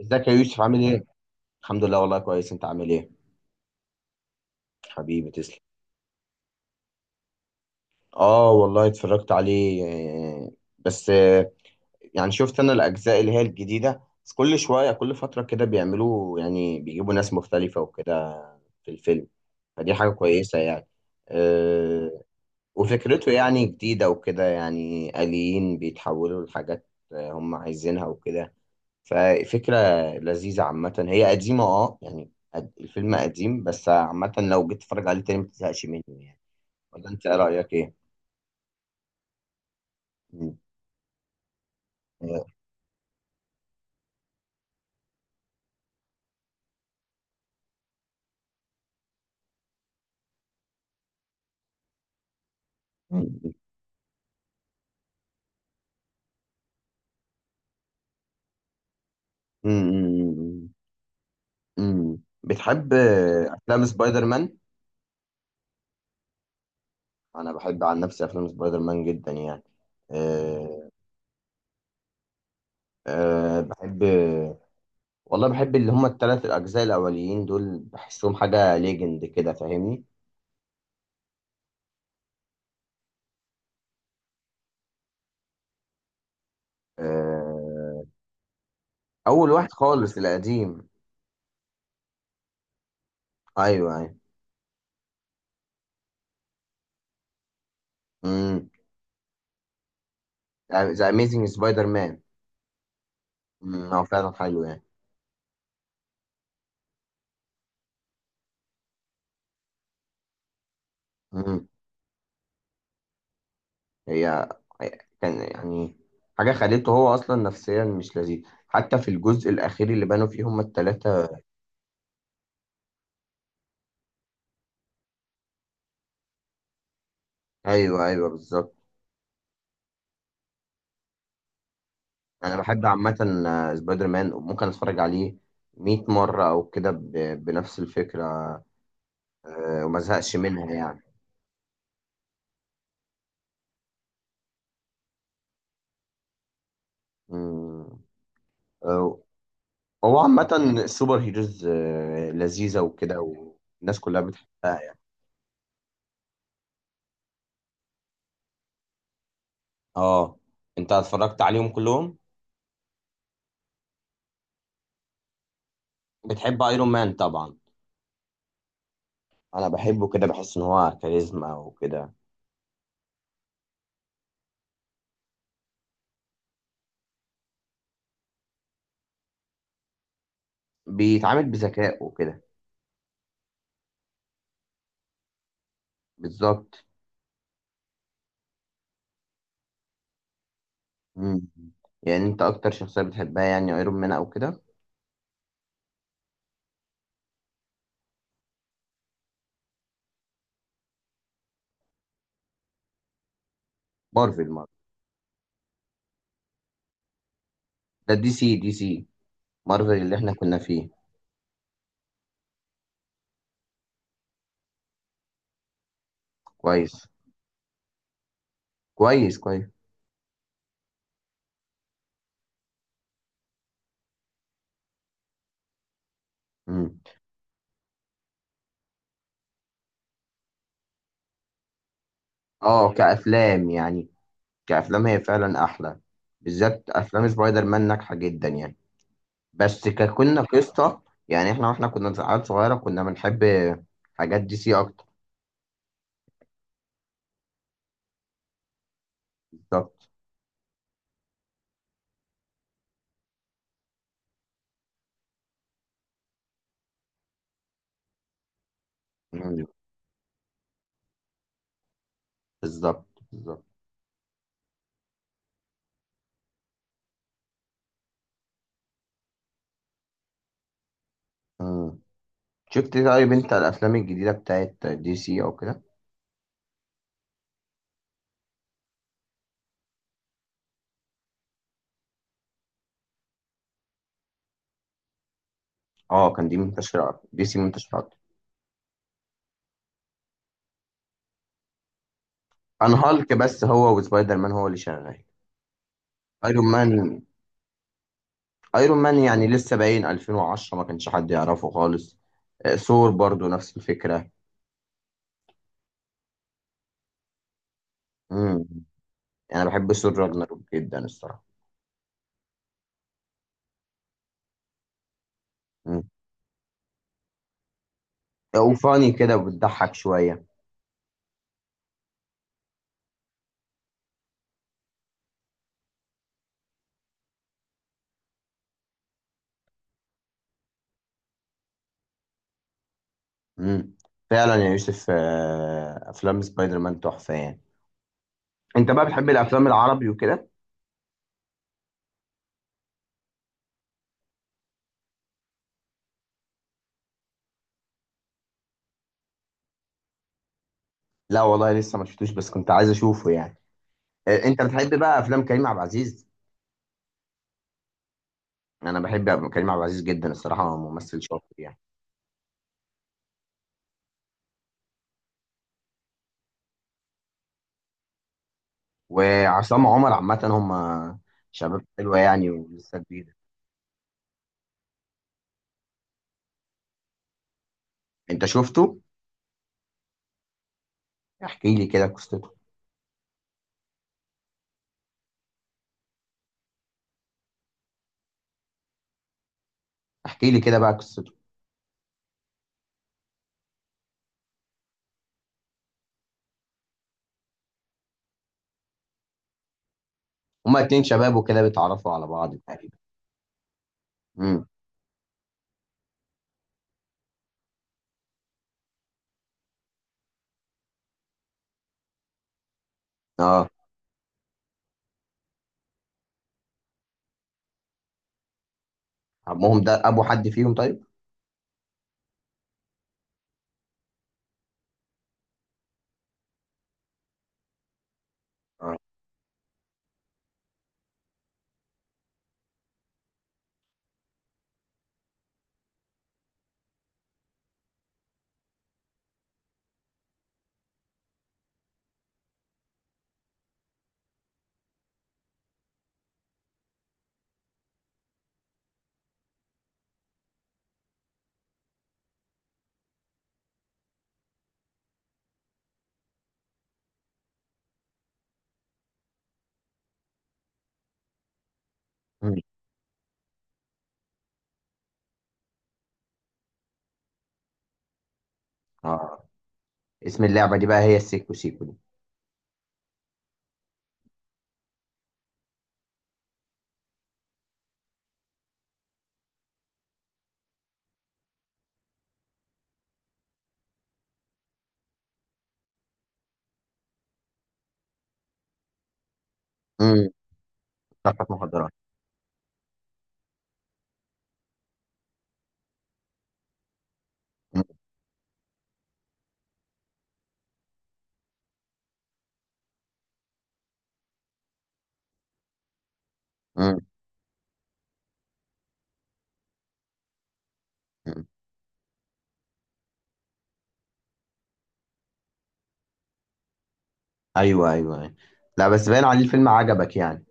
ازيك يا يوسف، عامل ايه؟ الحمد لله، والله كويس. انت عامل ايه؟ حبيبي تسلم. اه، والله اتفرجت عليه. آه، بس يعني شفت انا الاجزاء اللي هي الجديدة، بس كل شوية كل فترة كده بيعملوا، يعني بيجيبوا ناس مختلفة وكده في الفيلم، فدي حاجة كويسة يعني. آه، وفكرته يعني جديدة وكده، يعني آليين بيتحولوا لحاجات هم عايزينها وكده. ففكرة لذيذة، عامة هي قديمة، اه يعني الفيلم قديم، بس عامة لو جيت تتفرج عليه تاني ما تزهقش منه يعني. ولا انت رأيك ايه؟ مم. مم. مم. مم. بتحب افلام سبايدر مان؟ انا بحب عن نفسي افلام سبايدر مان جدا يعني. أه، أه، بحب. والله بحب اللي هما الثلاث الاجزاء الاولين دول، بحسهم حاجة ليجند كده، فاهمني؟ أه، اول واحد خالص القديم. ايوه، ايوه. مم. ذا اميزنج سبايدر مان. هو فعلا حلو يعني. مم. هي كان يعني حاجة خليته هو أصلا نفسيا مش لذيذ، حتى في الجزء الأخير اللي بانوا فيه هما التلاتة. أيوه، أيوه، بالظبط. أنا بحب عامة سبايدر مان، وممكن أتفرج عليه مية مرة أو كده بنفس الفكرة. وما زهقش منها يعني. مم. آه، هو عامة السوبر هيروز لذيذة وكده، والناس كلها بتحبها يعني. اه، انت اتفرجت عليهم كلهم؟ بتحب ايرون مان طبعا. انا بحبه، كده بحس ان هو كاريزما وكده. بيتعامل بذكاء وكده. بالظبط. مم. يعني انت اكتر شخصية بتحبها يعني ايرون مان او كده؟ مارفل، مارفل. ده دي سي، دي سي. مارفل اللي احنا كنا فيه. كويس، كويس، كويس. مم. اه، كأفلام يعني. كأفلام هي فعلا احلى. بالذات افلام سبايدر مان ناجحة جدا يعني. بس ككنا قصة، يعني احنا كنا عيال صغيرة، كنا بنحب حاجات دي سي اكتر. بالظبط، بالظبط، بالظبط. مم. شفت طيب انت الافلام الجديده بتاعت دي سي او كده؟ اه، كان دي منتشره اكتر دي سي منتشره اكتر عن هالك، بس هو وسبايدر مان هو اللي شغال. ايرون مان. ايرون مان يعني لسه باين 2010 ما كانش حد يعرفه خالص. ثور برضو نفس الفكره. امم انا بحب ثور راجناروك جدا الصراحه. امم وفاني كده بتضحك شويه. امم فعلا يا يوسف، افلام سبايدر مان تحفه يعني. انت بقى بتحب الافلام العربي وكده؟ لا والله، لسه ما شفتوش، بس كنت عايز اشوفه يعني. انت بتحب بقى افلام كريم عبد العزيز. انا بحب كريم عبد العزيز جدا الصراحه، هو ممثل شاطر يعني. وعصام عمر عامه هم شباب حلوه يعني ولسه جديده. انت شفته؟ احكي لي كده قصته. احكي لي كده بقى قصته. هما اتنين شباب وكده بيتعرفوا على بعض تقريبا. امم اه، ابوهم ده ابو حد فيهم طيب؟ اه. مم. اه. اسم اللعبه دي بقى هي السيكو سيكو دي. امم صفقه مخدرات. امم ايوه، ايوه، أيوة. لا بس باين عليه الفيلم عجبك يعني.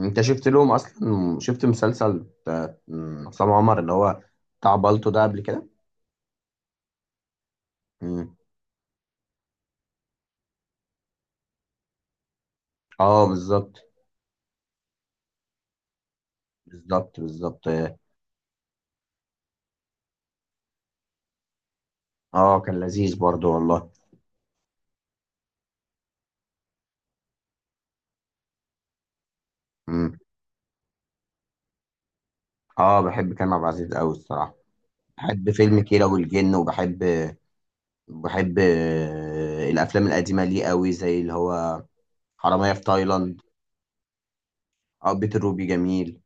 انت شفت لهم اصلا، شفت مسلسل عصام عمر اللي هو بتاع بالطو ده قبل كده. مم. اه، بالظبط، بالظبط، بالظبط. اه، كان لذيذ برضو والله. مم. اه، بحب كريم عبد العزيز قوي الصراحه. بحب فيلم كيرة والجن، وبحب الافلام القديمه ليه قوي، زي اللي هو حراميه في تايلاند. اه، بيت الروبي جميل.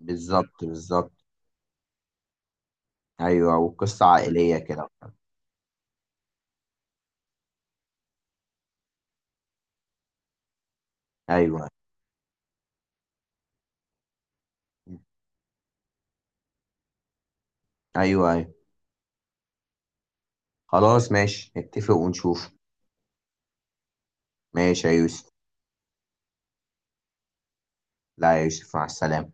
بالظبط، بالظبط. ايوه، وقصه عائليه كده. ايوه، ايوه، ايوه. خلاص، ماشي، نتفق ونشوف. ماشي يا يوسف. لا يا يوسف، مع السلامة.